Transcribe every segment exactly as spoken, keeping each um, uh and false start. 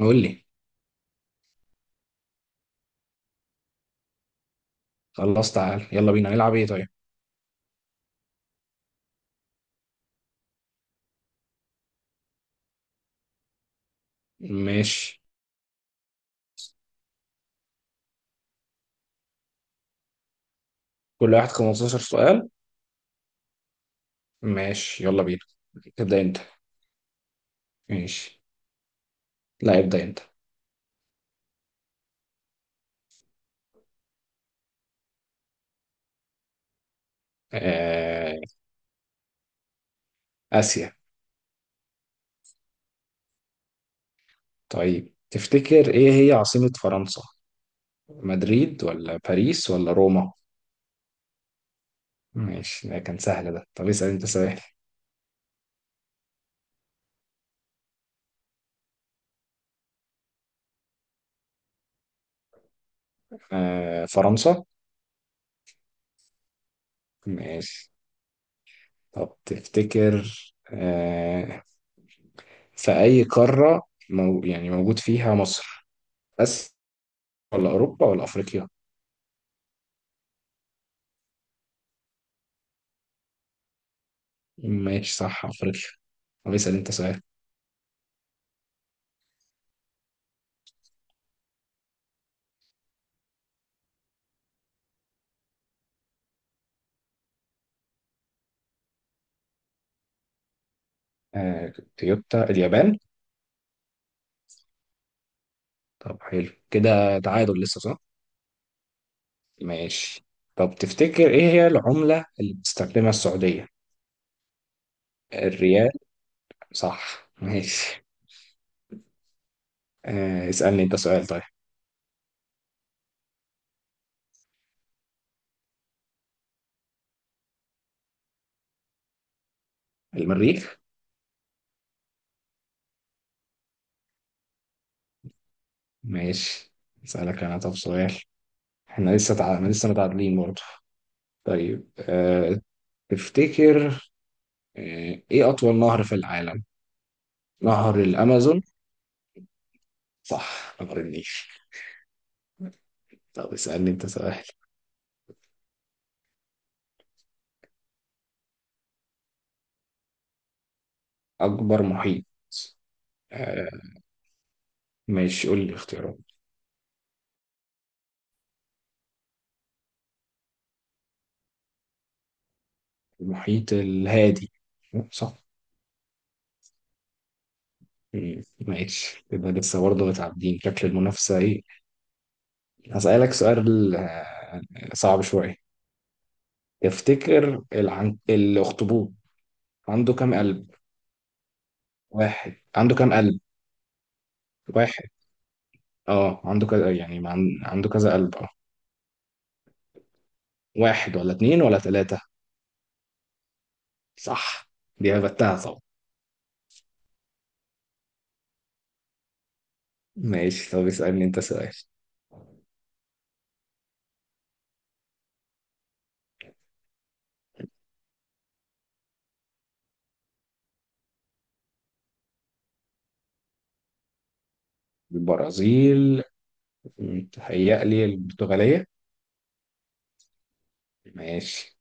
قول لي. خلاص تعال يلا بينا نلعب ايه طيب؟ ماشي، كل واحد خمستاشر سؤال. ماشي يلا بينا. ابدأ انت. ماشي، لا ابدأ انت. آه... آسيا. طيب، تفتكر ايه هي عاصمة فرنسا؟ مدريد ولا باريس ولا روما؟ ماشي، ده كان سهل ده. طب اسأل انت سؤال. آه... فرنسا. ماشي. طب تفتكر آه... في أي قارة مو... يعني موجود فيها مصر بس، ولا أوروبا ولا أفريقيا؟ ماشي، صح، افريقيا. طب اسال انت سؤال. آه، تويوتا اليابان. طب حلو كده، تعادل لسه صح؟ ماشي. طب تفتكر ايه هي العملة اللي بتستخدمها السعودية؟ الريال. صح. ماشي. آه اسألني انت سؤال طيب. المريخ. ماشي. اسألك انا طب سؤال. احنا لسه تع... احنا لسه متعادلين برضه. طيب آه تفتكر آه ايه اطول نهر في العالم؟ نهر الامازون. صح، نهر النيل. طب اسألني انت سؤال. أكبر محيط. آه، ماشي، قول لي اختيارات. المحيط الهادي. صح. مم، ماشي، يبقى لسه برضه متعدين. شكل المنافسة إيه؟ هسألك سؤال. آه، صعب شوية. تفتكر العن... الأخطبوط عنده كام قلب؟ واحد عنده كام قلب؟ واحد. اه عنده كذا يعني ما عن... عنده كذا قلب اه. واحد ولا اتنين ولا تلاتة؟ صح. دي هبتها طبعا. ماشي، طب اسألني انت سؤال. البرازيل، متهيألي البرتغالية. ماشي.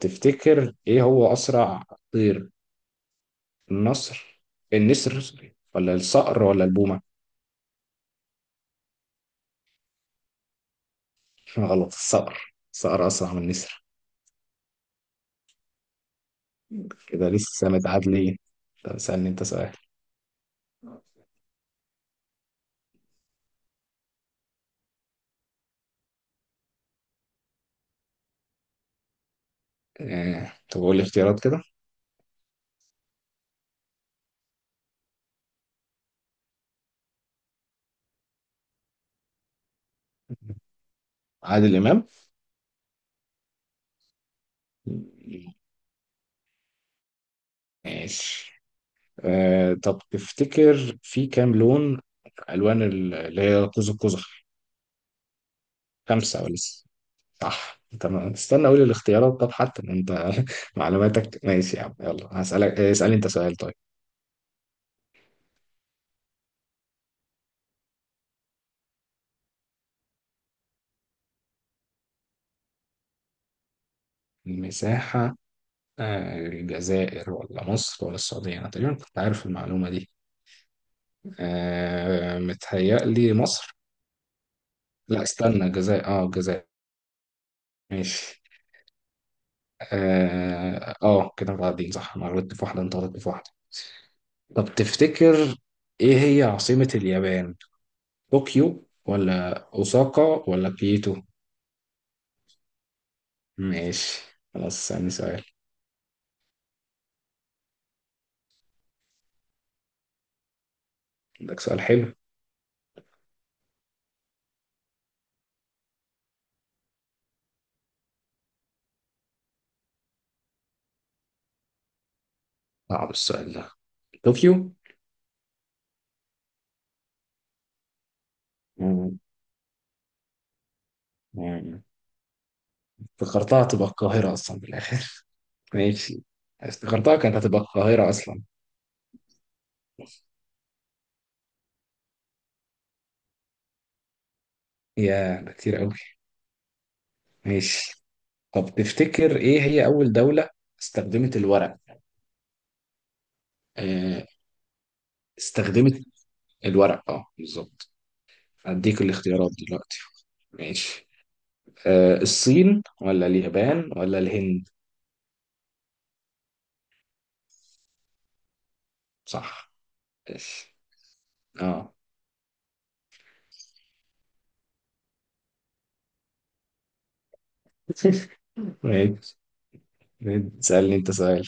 تفتكر ايه هو اسرع طير؟ النصر النسر، سوري، ولا الصقر ولا البومة؟ غلط، الصقر، الصقر اسرع من النسر. كده لسه متعادلين. طب اسألني انت سؤال. آه. طب قول لي اختيارات كده. عادل امام. ماشي. آه. طب تفتكر في كام لون، الوان ال- اللي هي قوس قزح؟ خمسة ولا... صح. طب ما استنى اقول الاختيارات. طب حتى إن انت معلوماتك ماشي يا عم. يلا هسألك، اسألني انت سؤال طيب. المساحة. آه، الجزائر ولا مصر ولا السعودية، أنا تقريبا كنت عارف المعلومة دي. آه، متهيألي مصر. لا استنى، الجزائر، اه الجزائر. ماشي. اه آه، كده متعادلين صح. أنا غلطت في واحدة، أنت غلطت في واحدة. طب تفتكر إيه هي عاصمة اليابان؟ طوكيو ولا أوساكا ولا كيوتو؟ ماشي، خلاص ثاني سؤال. عندك سؤال حلو؟ صعب السؤال ده. طوكيو. مم. يعني افتكرتها تبقى القاهرة أصلا في الآخر. ماشي، افتكرتها كانت هتبقى القاهرة أصلا. يا ده كتير أوي. ماشي. طب تفتكر إيه هي أول دولة استخدمت الورق؟ آه، استخدمت الورق أه، بالظبط. أديك الاختيارات دلوقتي. ماشي. آه، الصين ولا اليابان ولا الهند؟ صح. ماشي. أه. ماشي، تسألني أنت سؤال.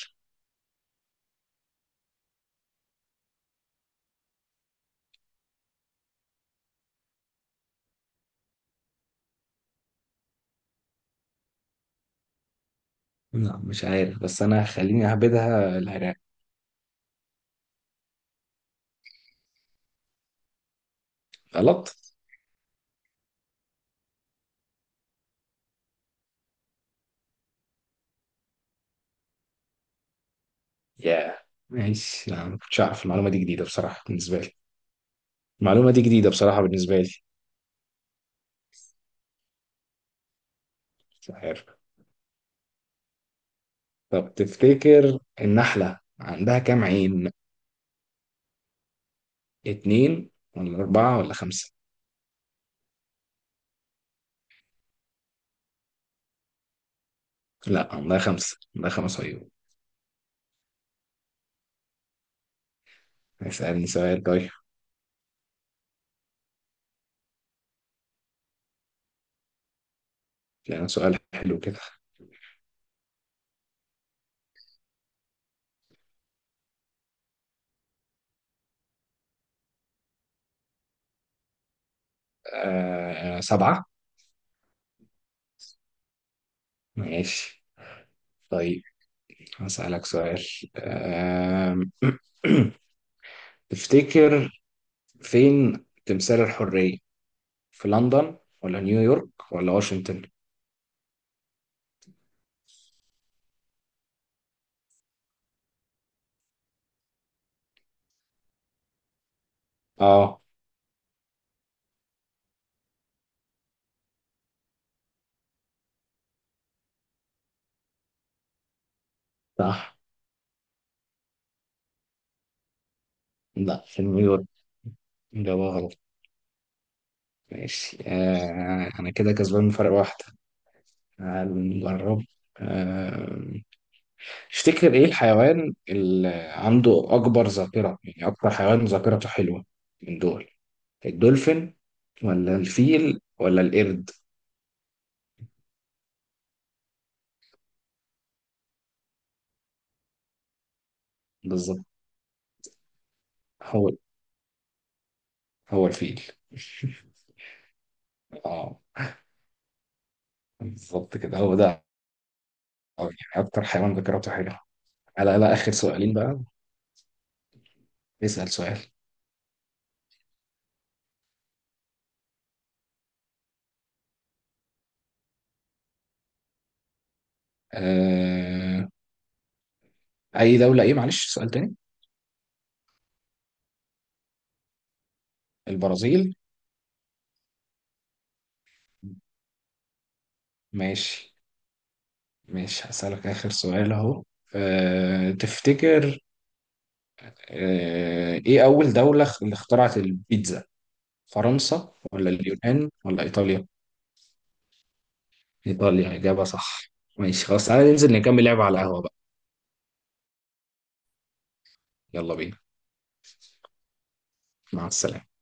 لا مش عارف، بس انا خليني اهبدها العراق. غلط. ياه. ماشي. لا ما كنتش اعرف المعلومه دي، جديده بصراحه بالنسبه لي. المعلومه دي جديده بصراحه بالنسبه لي. مش عارف. طب تفتكر النحله عندها كام عين؟ اتنين ولا اربعه ولا خمسه؟ لا، عندها خمسه، عندها خمس عيون. اسالني سؤال طيب، يعني سؤال حلو كده. آه سبعه. ماشي. طيب هسألك سؤال. آم، تفتكر فين تمثال الحرية؟ في لندن ولا نيويورك ولا واشنطن؟ اه، صح، لا، في نيويورك. إجابة غلط. ماشي، آه أنا كده كسبان فرق واحدة. هنجرب. آه تفتكر إيه الحيوان اللي عنده أكبر ذاكرة، يعني أكتر حيوان ذاكرته حلوة من دول؟ الدولفين ولا الفيل ولا القرد؟ بالظبط، هو هو الفيل. اه، بالظبط كده، هو ده. آه، يعني أكتر حيوان ذاكرته حلوة. على لا، آخر سؤالين بقى. اسأل سؤال. آه... أي دولة إيه، معلش، سؤال تاني. البرازيل. ماشي. ماشي هسألك آخر سؤال أهو. آه... تفتكر آه... إيه أول دولة خ- اللي اخترعت البيتزا؟ فرنسا ولا اليونان ولا إيطاليا؟ إيطاليا، إجابة صح. ماشي، خلاص، تعالى ننزل نكمل لعبة على القهوة بقى. يلا بينا. مع السلامة.